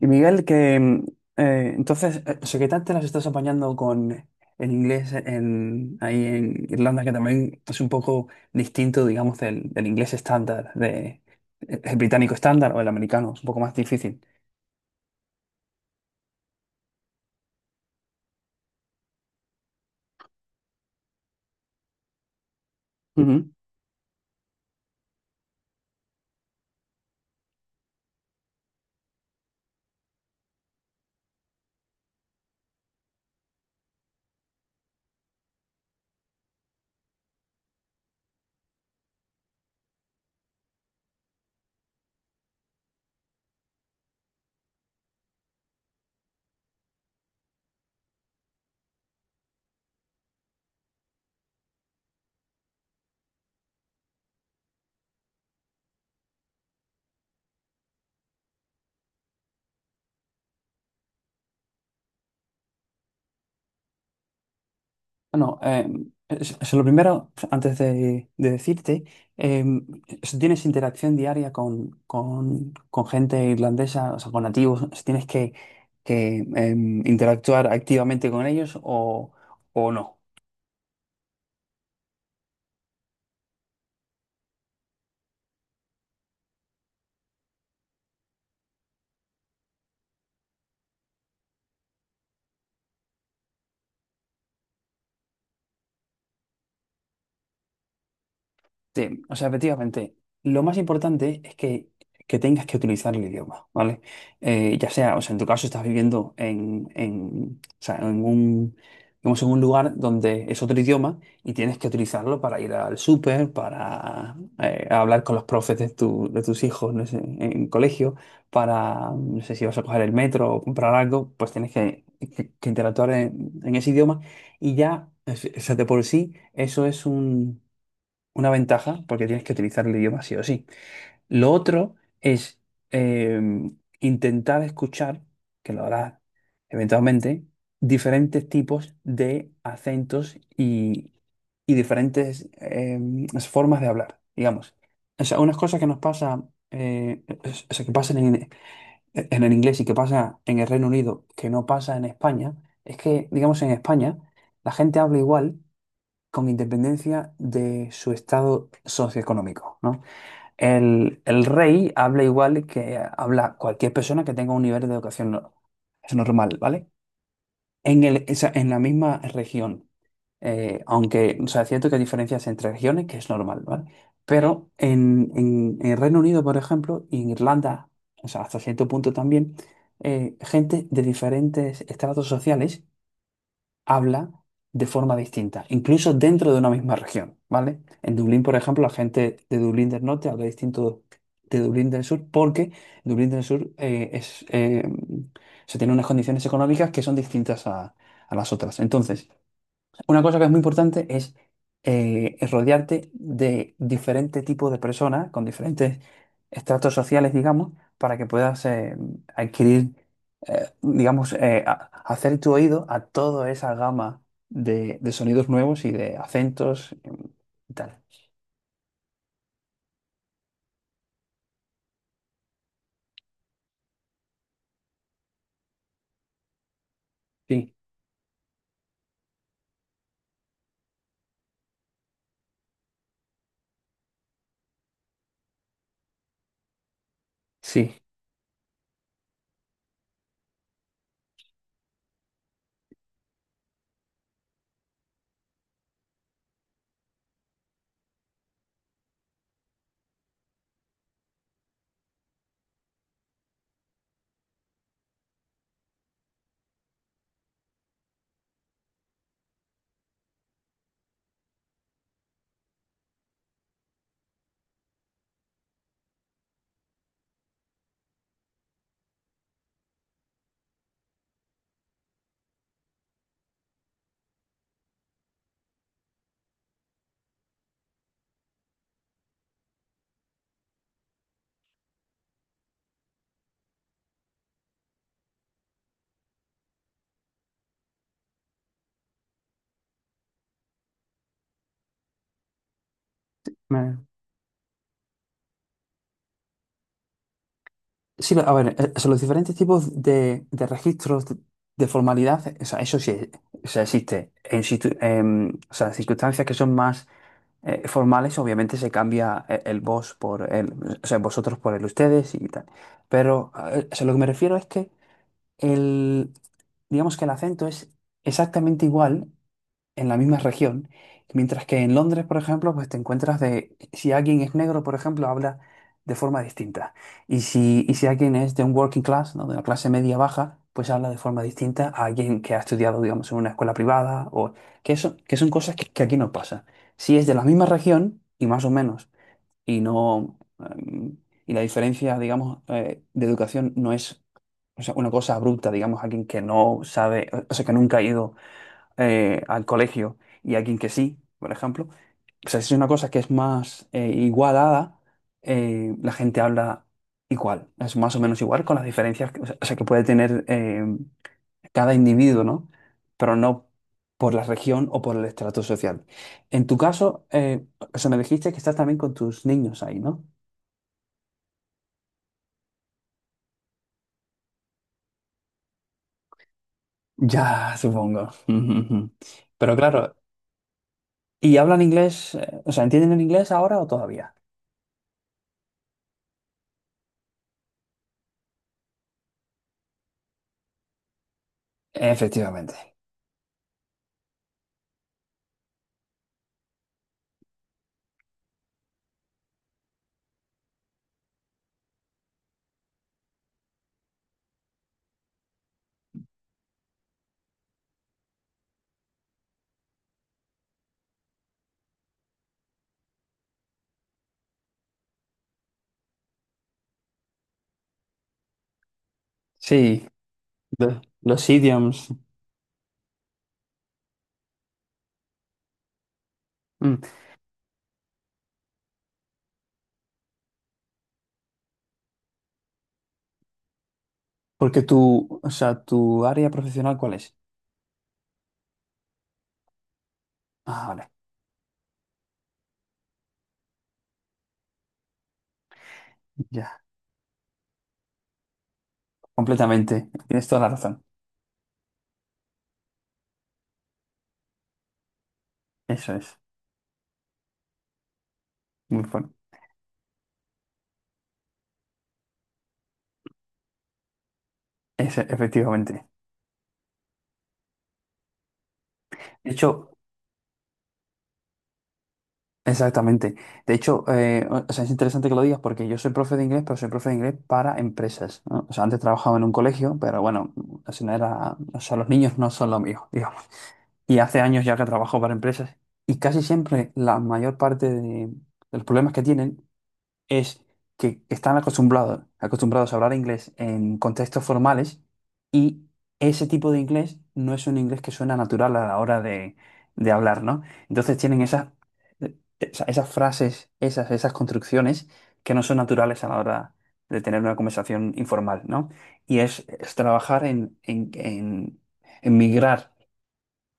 Y Miguel, que entonces, o sea, ¿qué tal te las estás apañando con el inglés en, ahí en Irlanda, que también es un poco distinto, digamos, del inglés estándar, de, el británico estándar o el americano, es un poco más difícil. Ujú. Bueno, es lo primero, antes de decirte, eh, si tienes interacción diaria con gente irlandesa, o sea, con nativos, si tienes que interactuar activamente con ellos o no. Sí, o sea, efectivamente, lo más importante es que tengas que utilizar el idioma, ¿vale? Ya sea, o sea, en tu caso estás viviendo o sea, en un, digamos, en un lugar donde es otro idioma y tienes que utilizarlo para ir al súper, para hablar con los profes de, de tus hijos, no sé, en, colegio, para, no sé, si vas a coger el metro o comprar algo, pues tienes que interactuar en ese idioma y ya, o sea, de por sí, eso es un una ventaja porque tienes que utilizar el idioma sí o sí. Lo otro es eh, intentar escuchar, que lo harás eventualmente, diferentes tipos de acentos y diferentes formas de hablar, digamos. O sea, unas cosas que nos pasa, eh, o sea, que pasan en el inglés y que pasa en el Reino Unido, que no pasa en España, es que, digamos, en España la gente habla igual con independencia de su estado socioeconómico, ¿no? El rey habla igual que habla cualquier persona que tenga un nivel de educación es normal, ¿vale? En la misma región, aunque, o sea, es cierto que hay diferencias entre regiones, que es normal, ¿vale? Pero en Reino Unido, por ejemplo, y en Irlanda, o sea, hasta cierto punto también, gente de diferentes estratos sociales habla de forma distinta, incluso dentro de una misma región, ¿vale? En Dublín, por ejemplo, la gente de Dublín del norte habla distinto de Dublín del sur porque Dublín del sur se tiene unas condiciones económicas que son distintas a las otras. Entonces, una cosa que es muy importante es rodearte de diferentes tipos de personas con diferentes estratos sociales, digamos, para que puedas adquirir, digamos, hacer tu oído a toda esa gama de sonidos nuevos y de acentos y tal. Sí, sí. Me- Sí, a ver, son los diferentes tipos de registros de formalidad, o sea, eso sí, o sea, existe en, o sea, circunstancias que son más formales, obviamente se cambia el, vos por el, o sea, vosotros por el ustedes y tal. Pero o sea, lo que me refiero es que el, digamos que el acento es exactamente igual en la misma región. Mientras que en Londres, por ejemplo, pues te encuentras si alguien es negro, por ejemplo, habla de forma distinta. Y si alguien es de un working class, ¿no? De una clase media baja, pues habla de forma distinta a alguien que ha estudiado, digamos, en una escuela privada, o que eso, que son cosas que aquí no pasa. Si es de la misma región, y más o menos, y no, em, y la diferencia, digamos, de educación no es, o sea, una cosa abrupta, digamos, alguien que no sabe, o sea, que nunca ha ido al colegio y a quien que sí, por ejemplo. O sea, si es una cosa que es más igualada, la gente habla igual, es más o menos igual con las diferencias que, o sea, que puede tener cada individuo, ¿no? Pero no por la región o por el estrato social. En tu caso, o sea, me dijiste que estás también con tus niños ahí, ¿no? Ya, supongo. Pero claro, ¿y hablan inglés? O sea, ¿entienden el inglés ahora o todavía? Efectivamente. Sí, los idioms. Mm, Porque o sea, tu área profesional, ¿cuál es? Ah, vale, ya, completamente. Tienes toda la razón. Eso es, muy bueno. Efectivamente. De hecho, exactamente. De hecho, o sea, es interesante que lo digas porque yo soy profe de inglés, pero soy profe de inglés para empresas, ¿no? O sea, antes trabajaba en un colegio, pero bueno, así no era, o sea, los niños no son lo mío, digamos. Y hace años ya que trabajo para empresas y casi siempre la mayor parte de los problemas que tienen es que están acostumbrados, acostumbrados a hablar inglés en contextos formales y ese tipo de inglés no es un inglés que suena natural a la hora de hablar, ¿no? Entonces tienen esas frases, esas construcciones que no son naturales a la hora de tener una conversación informal, ¿no? Y es trabajar en migrar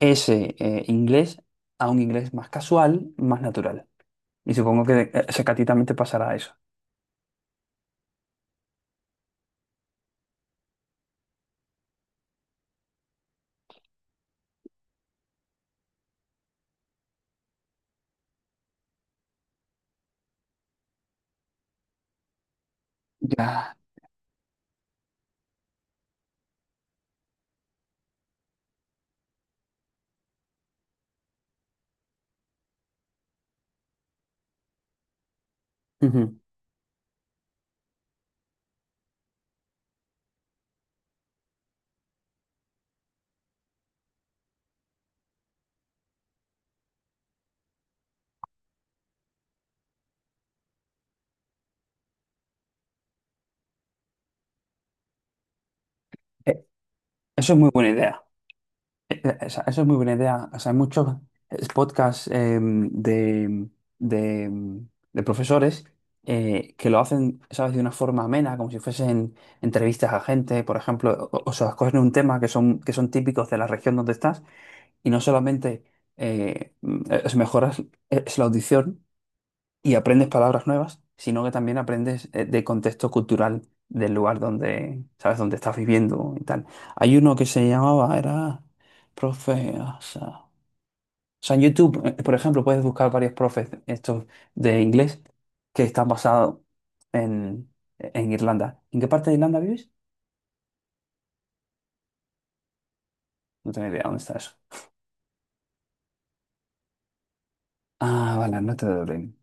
ese inglés a un inglés más casual, más natural. Y supongo que, o sea, que a ti también te pasará eso. Ya. Ujú. Eh, Eso es muy buena idea. Eso es muy buena idea. O sea, hay muchos podcasts de, de profesores que lo hacen, ¿sabes?, de una forma amena, como si fuesen entrevistas a gente, por ejemplo, o sea, escogen un tema que son, típicos de la región donde estás y no solamente es mejoras es la audición, y aprendes palabras nuevas, sino que también aprendes de contexto cultural del lugar donde, sabes, donde estás viviendo y tal. Hay uno que se llamaba, era profe, o sea, en YouTube, por ejemplo, puedes buscar varios profes estos de inglés que están basados en, en Irlanda. ¿En qué parte de Irlanda vives? No tengo idea dónde está eso. Ah, vale, no te doy.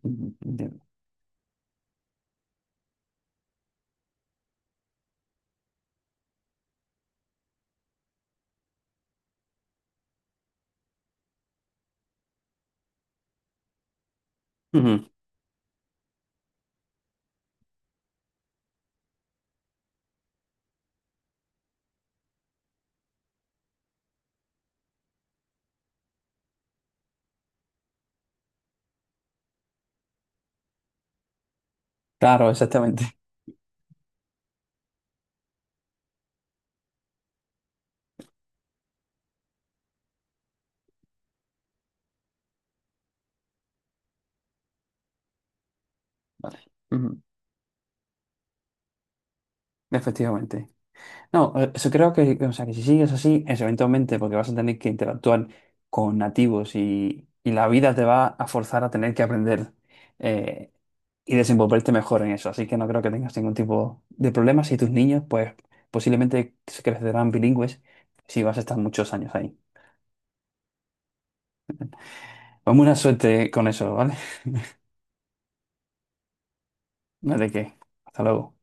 Ujú. Claro, exactamente. Vale. Ujú. Efectivamente. No, eso creo que, o sea, que si sigues así, es eventualmente porque vas a tener que interactuar con nativos y la vida te va a forzar a tener que aprender eh, y desenvolverte mejor en eso. Así que no creo que tengas ningún tipo de problemas y tus niños, pues posiblemente se crecerán bilingües si vas a estar muchos años ahí. Pues buena suerte con eso, ¿vale? No hay de qué. Hasta luego.